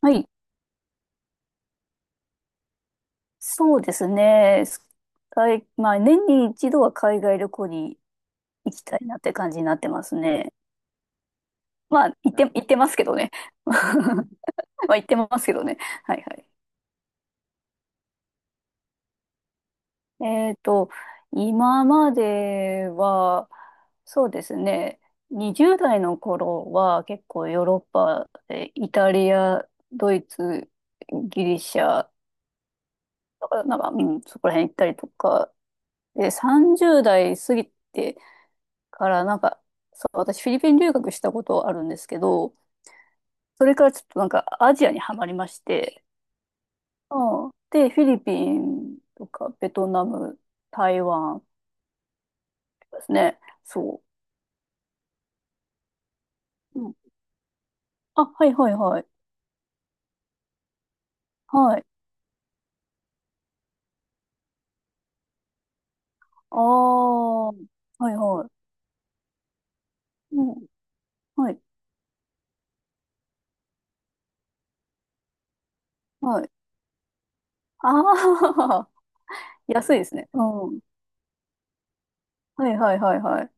はい。そうですね。はいまあ、年に一度は海外旅行に行きたいなって感じになってますね。まあ、行ってますけどね。まあ、行ってますけどね。はいはい。えっと、今までは、そうですね。20代の頃は結構ヨーロッパでイタリア、ドイツ、ギリシャか、なんか、うん、そこら辺行ったりとか、で、30代過ぎて、からなんか、そう、私フィリピン留学したことあるんですけど、それからちょっとなんかアジアにはまりまして、うん、で、フィリピンとかベトナム、台湾とかですね。そう。うん、あ、はいはいはい。はい。ああ、はいはい。うん、はい、はい。ああ、安いですね。うん。はいはいはいはい。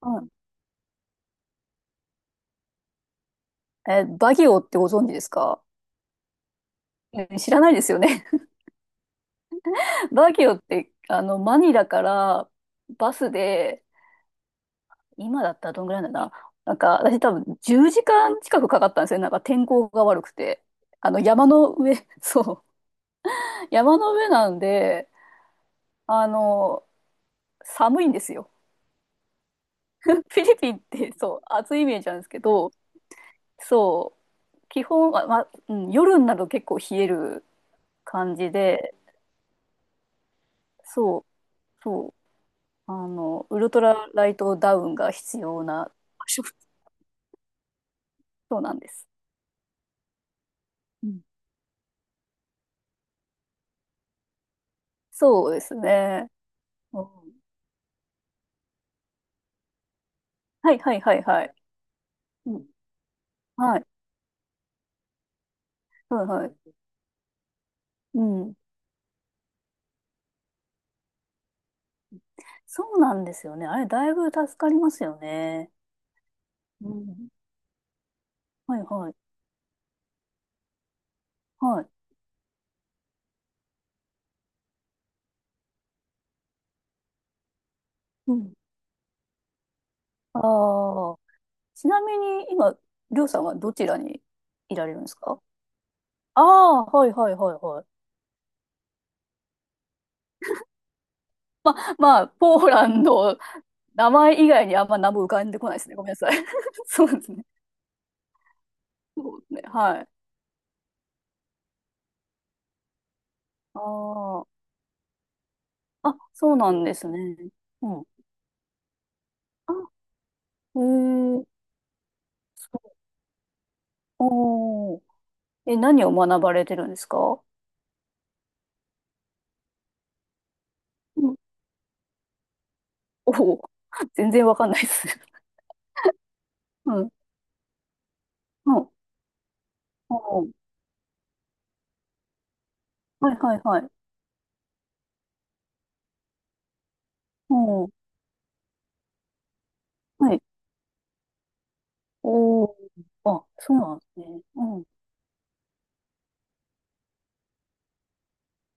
うん、え、バギオってご存知ですか？うん知らないですよね。バギオって、マニラからバスで、今だったらどんぐらいなんだな。なんか、私多分10時間近くかかったんですよ。なんか天候が悪くて。山の上、そう。山の上なんで、あの、寒いんですよ。フィリピンって、そう、暑いイメージなんですけど、そう、基本は、まあ、うん、夜になると結構冷える感じで、そう、そう、ウルトラライトダウンが必要な場所、そうなんです。うんそうですね。うん、はいはいはいはい。うん、はいはいはい。うん。そうなんですよね。あれ、だいぶ助かりますよね。うん。はいはい。はい。うん。ああ。ちなみに、今、りょうさんはどちらにいられるんですか？ああー、はいはいはいはい。まあ、ポーランド、名前以外にあんま何も浮かんでこないですね。ごめんなさい。そうですね。そうですね。はい。ああ。あ、そうなんですね。うん。あ、へえ。おー。え、何を学ばれてるんですか？うん。おー。全然わかんないです。うん。うん。おー。はいはいはい。おー。はい。おー。あ、そうなんですね。うん。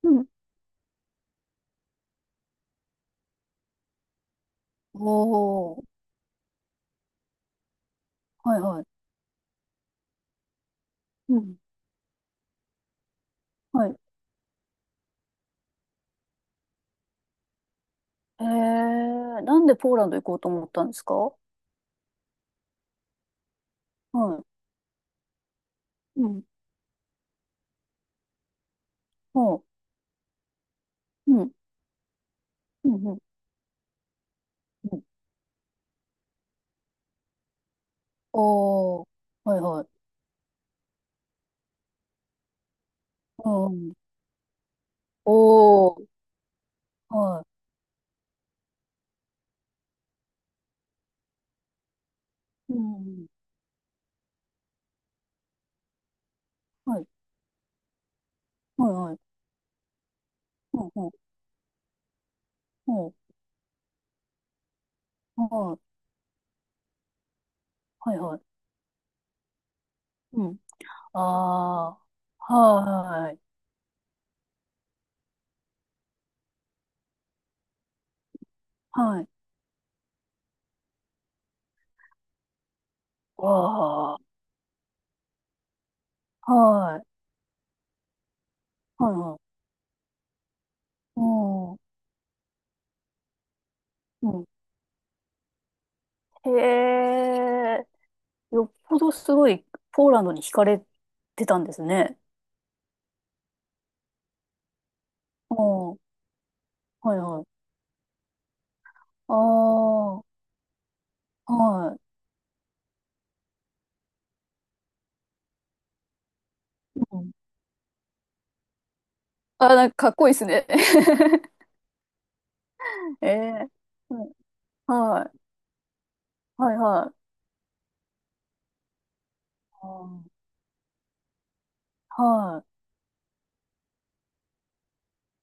うん。おー。はいはい。うん。はい。えー、なんでポーランド行こうと思ったんですか？はい。うん。おー。うん。うん。うん。うんおー。はいはい。うん。おー。はい。うん。はい。はいはい。うん。うん。うん。はい。はいはい。うん。ああ、はい、はい。わあ、はい、はい、はい。うん、うん。へえ、よっぽどすごいポーランドに惹かれてたんですね。うん、はい、はい。ああ、はい。うん、あ、なんかかっこいいですね。ええ、うん、はい、はい、はい。うんはい。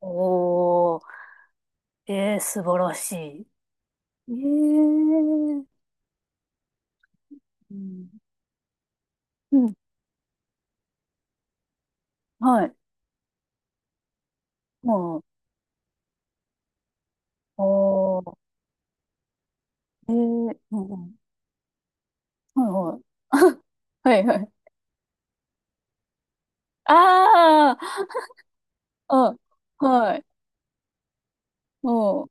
おー、ええ、素晴らしい。ええ、うん、うん、はい。もう、おー、えー、うんうん。はいはい。はいはい。ああ、うん、はい。も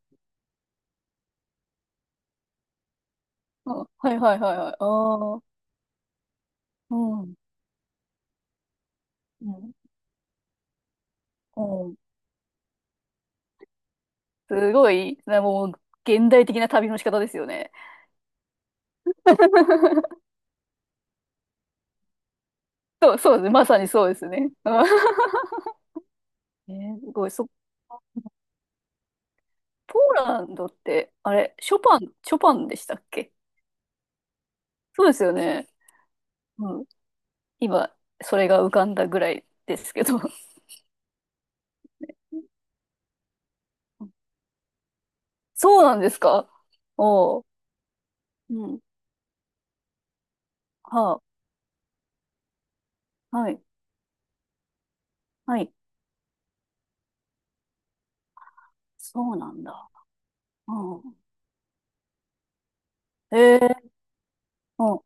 う、うん、はいはいはいはい。ああ、うん、うん、うん。すごい、なもう、現代的な旅の仕方ですよね。そう、そうですね。まさにそうですね。うんえー、すごい、そ、ポーランドって、あれ、ショパン、ショパンでしたっけ？そうですよね。うん。今、それが浮かんだぐらいですけど。そうなんですか？おう。うん。はあ。はい。はい。そうなんだ。うん。へえ。うん。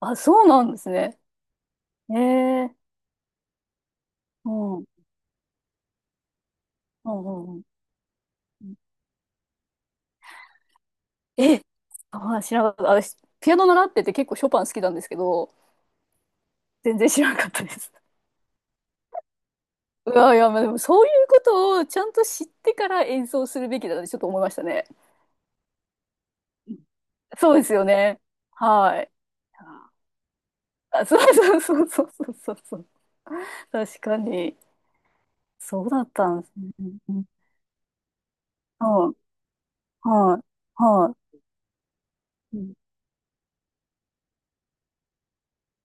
あ、そうなんですね。へえ。うん。うん。うんうん。え、まあ、知らなかった。私、ピアノ習ってて結構ショパン好きなんですけど、全然知らなかったです。うわ、いや、まあ、でもそういうことをちゃんと知ってから演奏するべきだなってちょっと思いましたね。うんそうですよね。はい。あ、そうそうそうそうそうそう。確かに。そうだったんですね。うんはい、はい、はい。うん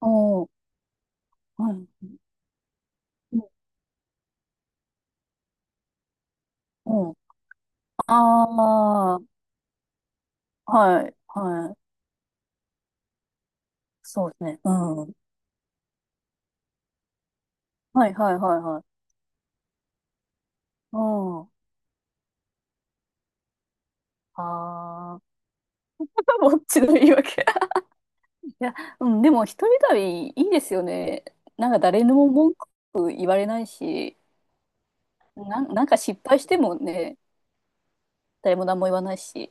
おー、はい。うんおー、ああ、はい、はい。そうですね。うん。はい、はい、はい、はい。うん。ああ、ぼっちの言い訳。いや、うん、でも一人旅いいですよね。なんか誰にも文句言われないし、なん、なんか失敗してもね、誰も何も言わないし。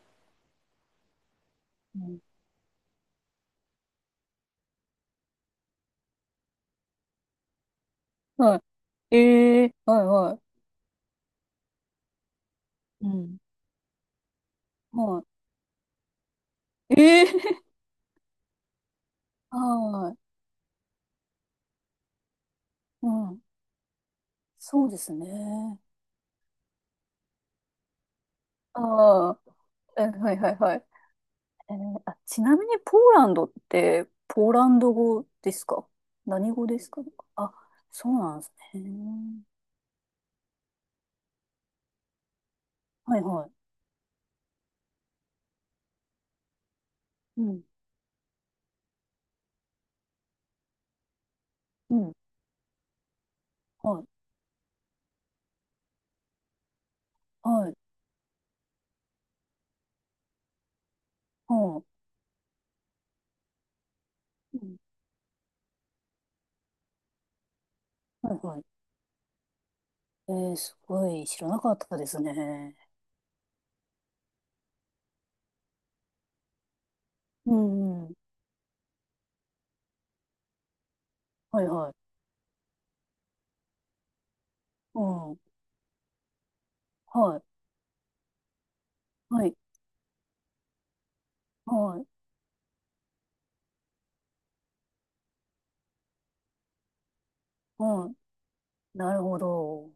うん、はい。ええはいはい。うん。はい。ええ はい。うん。そうですね。ああ、え、はいはいはい。えーあ、ちなみにポーランドって、ポーランド語ですか？何語ですか？あ、そうなんですね。はいはい。うん、うん。はい、はい、はい。うんはいはい。えー、すごい知らなかったですね。うん、うん。はいはい。うん。はい、はい、はい、はい。なるほど。